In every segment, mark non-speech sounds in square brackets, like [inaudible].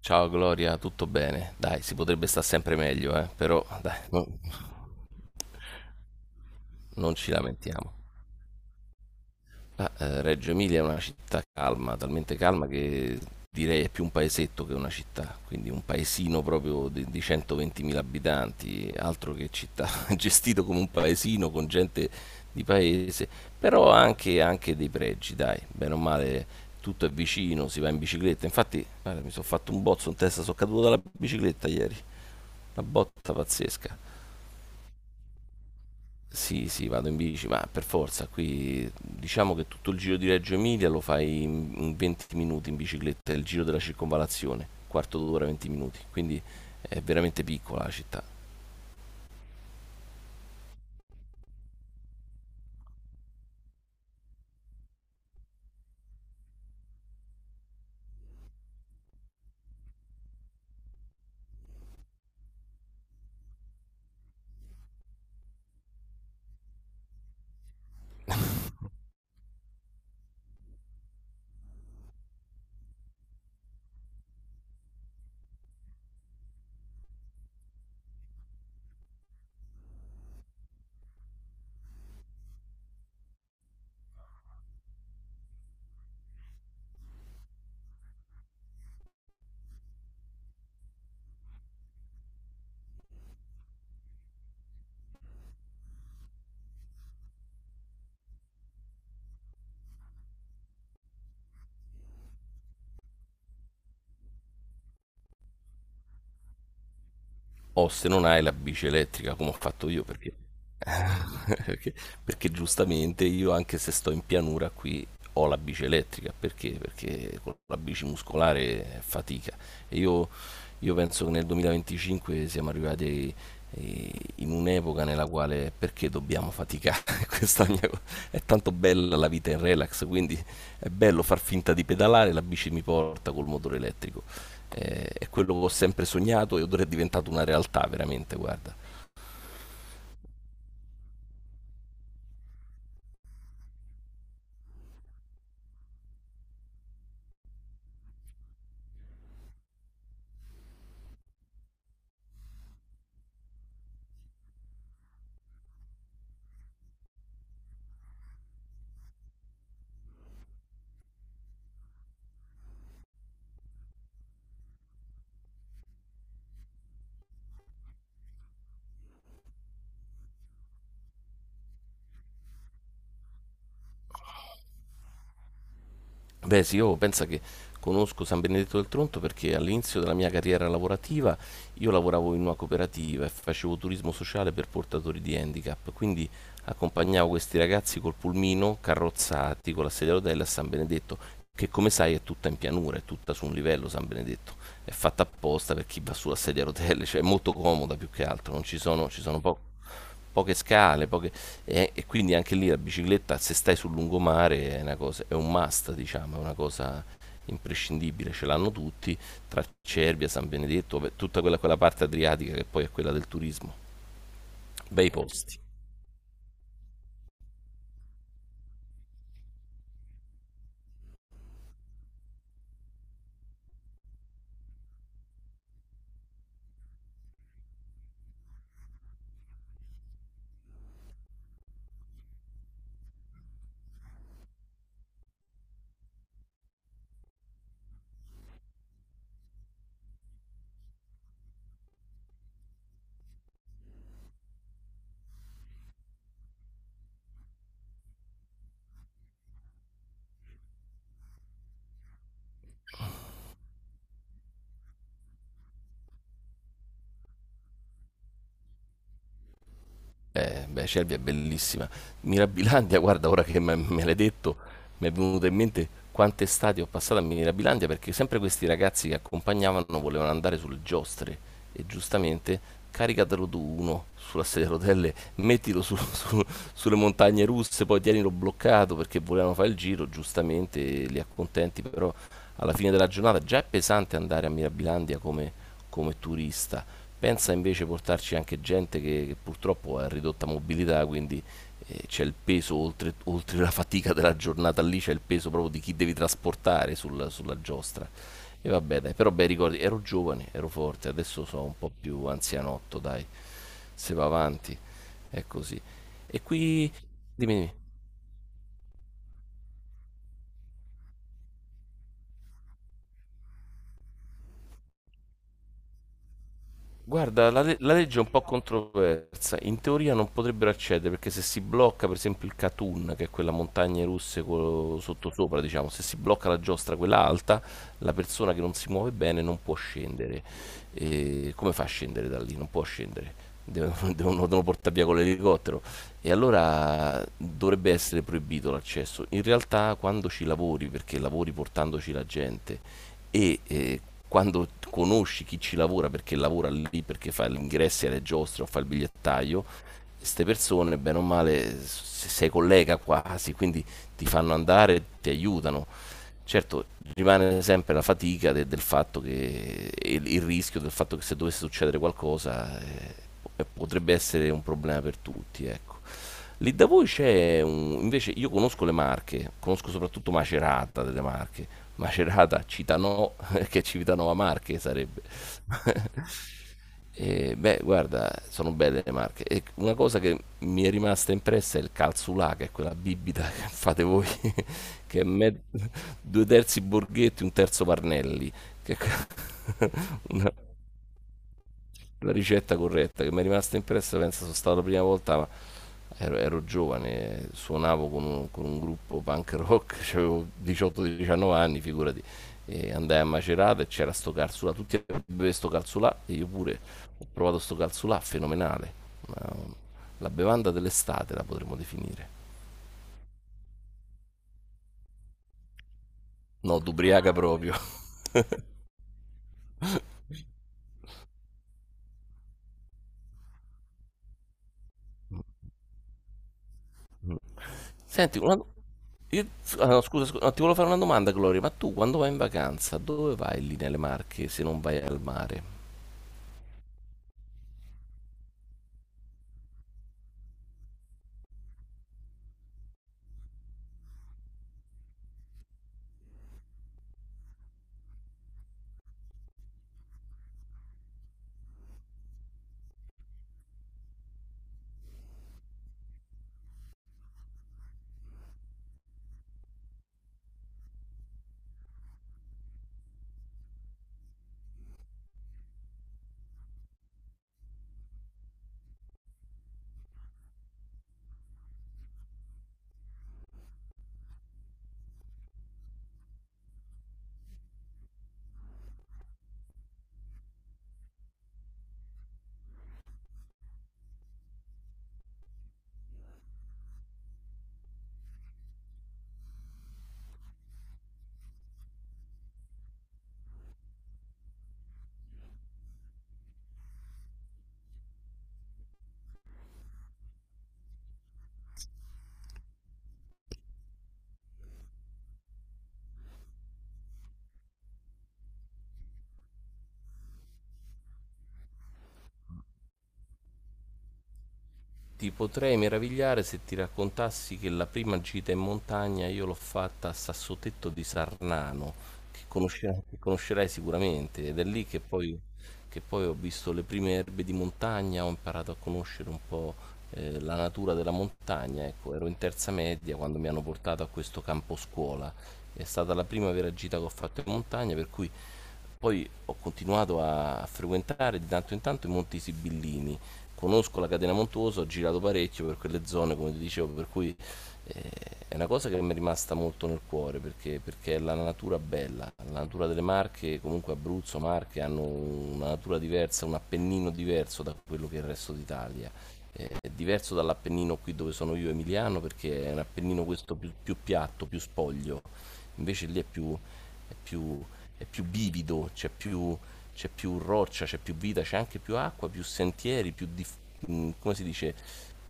Ciao Gloria, tutto bene? Dai, si potrebbe stare sempre meglio, eh? Però dai, non ci lamentiamo. Ah, Reggio Emilia è una città calma, talmente calma che direi è più un paesetto che una città, quindi un paesino proprio di 120.000 abitanti, altro che città, [laughs] gestito come un paesino con gente di paese, però ha anche, anche dei pregi, dai, bene o male tutto è vicino, si va in bicicletta, infatti guarda, mi sono fatto un bozzo in testa, sono caduto dalla bicicletta ieri. Una botta pazzesca. Sì, sì, vado in bici, ma per forza, qui diciamo che tutto il giro di Reggio Emilia lo fai in 20 minuti in bicicletta, è il giro della circonvalazione, quarto d'ora, 20 minuti, quindi è veramente piccola la città. O se non hai la bici elettrica, come ho fatto io, perché [laughs] Perché, perché giustamente io, anche se sto in pianura qui, ho la bici elettrica. Perché? Perché con la bici muscolare è fatica. E io penso che nel 2025 siamo arrivati in un'epoca nella quale perché dobbiamo faticare? [laughs] Questa è la mia co- È tanto bella la vita in relax, quindi è bello far finta di pedalare, la bici mi porta col motore elettrico. È quello che ho sempre sognato e ora è diventato una realtà, veramente, guarda. Beh, sì, io penso che conosco San Benedetto del Tronto perché all'inizio della mia carriera lavorativa io lavoravo in una cooperativa e facevo turismo sociale per portatori di handicap, quindi accompagnavo questi ragazzi col pulmino carrozzati con la sedia a rotelle a San Benedetto, che come sai è tutta in pianura, è tutta su un livello San Benedetto, è fatta apposta per chi va sulla sedia a rotelle, cioè è molto comoda più che altro, non ci sono, ci sono poco poche scale, e quindi anche lì la bicicletta, se stai sul lungomare, è, una cosa, è un must, diciamo, è una cosa imprescindibile, ce l'hanno tutti, tra Cervia, San Benedetto, beh, tutta quella, quella parte adriatica che poi è quella del turismo. Bei posti. Beh, Cervia è bellissima. Mirabilandia, [laughs] guarda, ora che me l'hai detto, mi è venuto in mente quante estati ho passato a Mirabilandia perché sempre questi ragazzi che accompagnavano volevano andare sulle giostre e giustamente caricatelo tu uno sulla sedia a rotelle, [laughs] sulle montagne russe, poi tienilo bloccato perché volevano fare il giro, giustamente li accontenti, però alla fine della giornata già è pesante andare a Mirabilandia come turista. Pensa invece portarci anche gente che purtroppo ha ridotta mobilità, quindi c'è il peso, oltre la fatica della giornata lì, c'è il peso proprio di chi devi trasportare sulla giostra. E vabbè, dai, però bei ricordi, ero giovane, ero forte, adesso sono un po' più anzianotto, dai, se va avanti, è così. E qui, dimmi, dimmi. Guarda, la legge è un po' controversa. In teoria non potrebbero accedere perché se si blocca, per esempio, il Katun, che è quella montagna russa sottosopra, diciamo, se si blocca la giostra, quella alta, la persona che non si muove bene non può scendere. E come fa a scendere da lì? Non può scendere. Devono, [laughs] devono portare [laughs] via con l'elicottero. E allora dovrebbe essere proibito l'accesso. In realtà, quando ci lavori, perché lavori portandoci la gente e quando conosci chi ci lavora perché lavora lì, perché fa gli ingressi alle giostre o fa il bigliettaio, queste persone, bene o male, sei collega quasi, quindi ti fanno andare, ti aiutano. Certo, rimane sempre la fatica del fatto che e il rischio del fatto che se dovesse succedere qualcosa potrebbe essere un problema per tutti, ecco. Lì da voi invece io conosco le Marche, conosco soprattutto Macerata delle Marche, Macerata, Citano, [laughs] che Civitanova Marche sarebbe. [laughs] E, beh, guarda, sono belle le Marche. E una cosa che mi è rimasta impressa è il calzulà, che è quella bibita [laughs] che fate voi, [laughs] che è me- due terzi Borghetti, un terzo Parnelli, che è que- [laughs] una- la ricetta corretta che mi è rimasta impressa, penso sono stata la prima volta, ma ero giovane, suonavo con un gruppo punk rock, [laughs] cioè avevo 18-19 anni, figurati, e andai a Macerata e c'era sto calzulà, tutti bevevano sto calzulà e io pure ho provato sto calzulà, fenomenale. Ma, la bevanda dell'estate la potremmo definire. No, d'ubriaca proprio. [laughs] Senti, io- ah, no, scusa, scusa, no, ti volevo fare una domanda, Gloria, ma tu quando vai in vacanza, dove vai lì nelle Marche se non vai al mare? Ti potrei meravigliare se ti raccontassi che la prima gita in montagna io l'ho fatta a Sassotetto di Sarnano, che conoscerai sicuramente, ed è lì che poi ho visto le prime erbe di montagna, ho imparato a conoscere un po' la natura della montagna. Ecco, ero in terza media quando mi hanno portato a questo campo scuola. È stata la prima vera gita che ho fatto in montagna, per cui poi ho continuato a frequentare di tanto in tanto i Monti Sibillini, conosco la catena montuosa, ho girato parecchio per quelle zone, come ti dicevo, per cui eh, è una cosa che mi è rimasta molto nel cuore perché è la natura bella, la natura delle Marche, comunque Abruzzo, Marche hanno una natura diversa, un appennino diverso da quello che è il resto d'Italia, è diverso dall'Appennino qui dove sono io emiliano perché è un Appennino questo più, più piatto, più spoglio, invece lì è più, è più, è più bivido, c'è più roccia, c'è più vita, c'è anche più acqua, più sentieri, più, come si dice,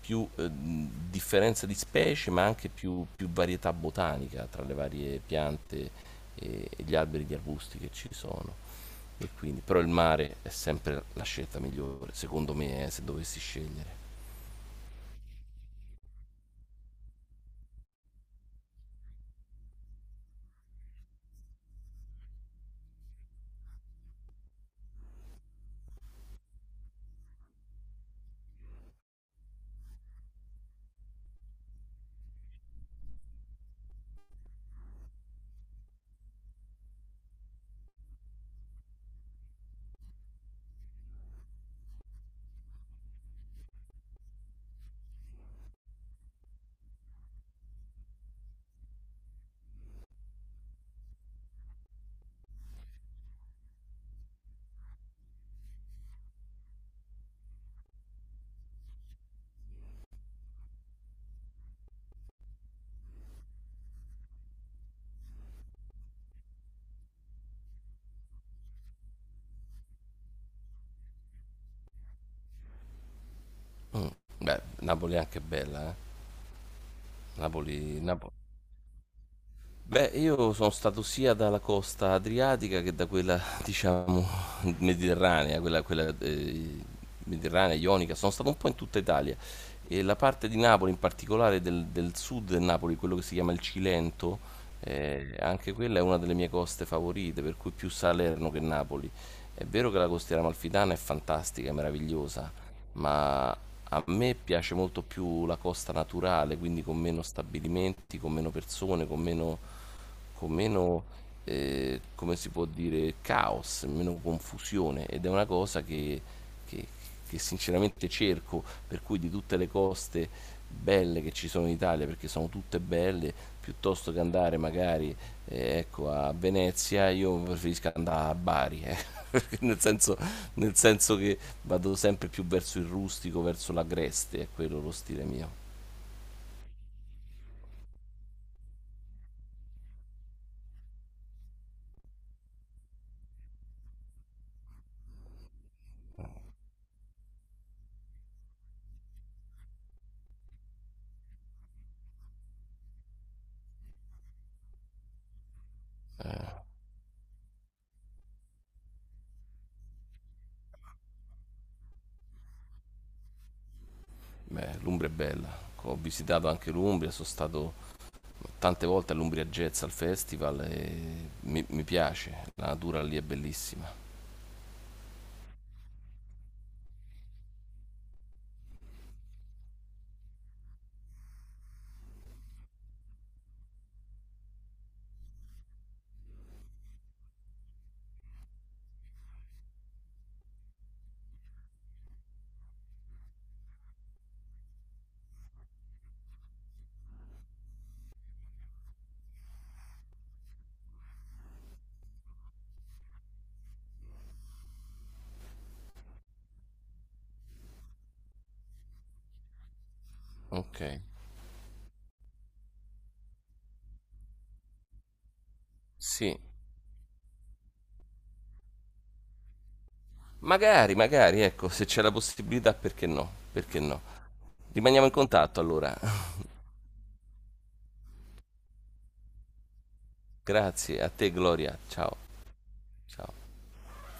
più differenza di specie ma anche più, più varietà botanica tra le varie piante e gli alberi e gli arbusti che ci sono. E quindi, però il mare è sempre la scelta migliore, secondo me, se dovessi scegliere. Mh. Beh, Napoli è anche bella, eh. Napoli Napo Beh, io sono stato sia dalla costa adriatica che da quella, diciamo, mediterranea, quella, quella mediterranea, ionica, sono stato un po' in tutta Italia. E la parte di Napoli, in particolare del sud del Napoli, quello che si chiama il Cilento, anche quella è una delle mie coste favorite, per cui più Salerno che Napoli. È vero che la costiera amalfitana è fantastica, è meravigliosa, ma a me piace molto più la costa naturale, quindi con meno stabilimenti, con meno persone, con meno, come si può dire, caos, meno confusione, ed è una cosa che- che sinceramente cerco, per cui di tutte le coste belle che ci sono in Italia, perché sono tutte belle, piuttosto che andare magari ecco, a Venezia, io preferisco andare a Bari, [laughs] nel senso, nel senso che vado sempre più verso il rustico, verso l'agreste, è quello lo stile mio. Beh, l'Umbria è bella. Ho visitato anche l'Umbria, sono stato tante volte all'Umbria Jazz al festival e mi piace, la natura lì è bellissima. Ok, sì, magari, magari, ecco, se c'è la possibilità, perché no? Perché no? Rimaniamo in contatto allora. [laughs] Grazie a te Gloria, ciao, ciao.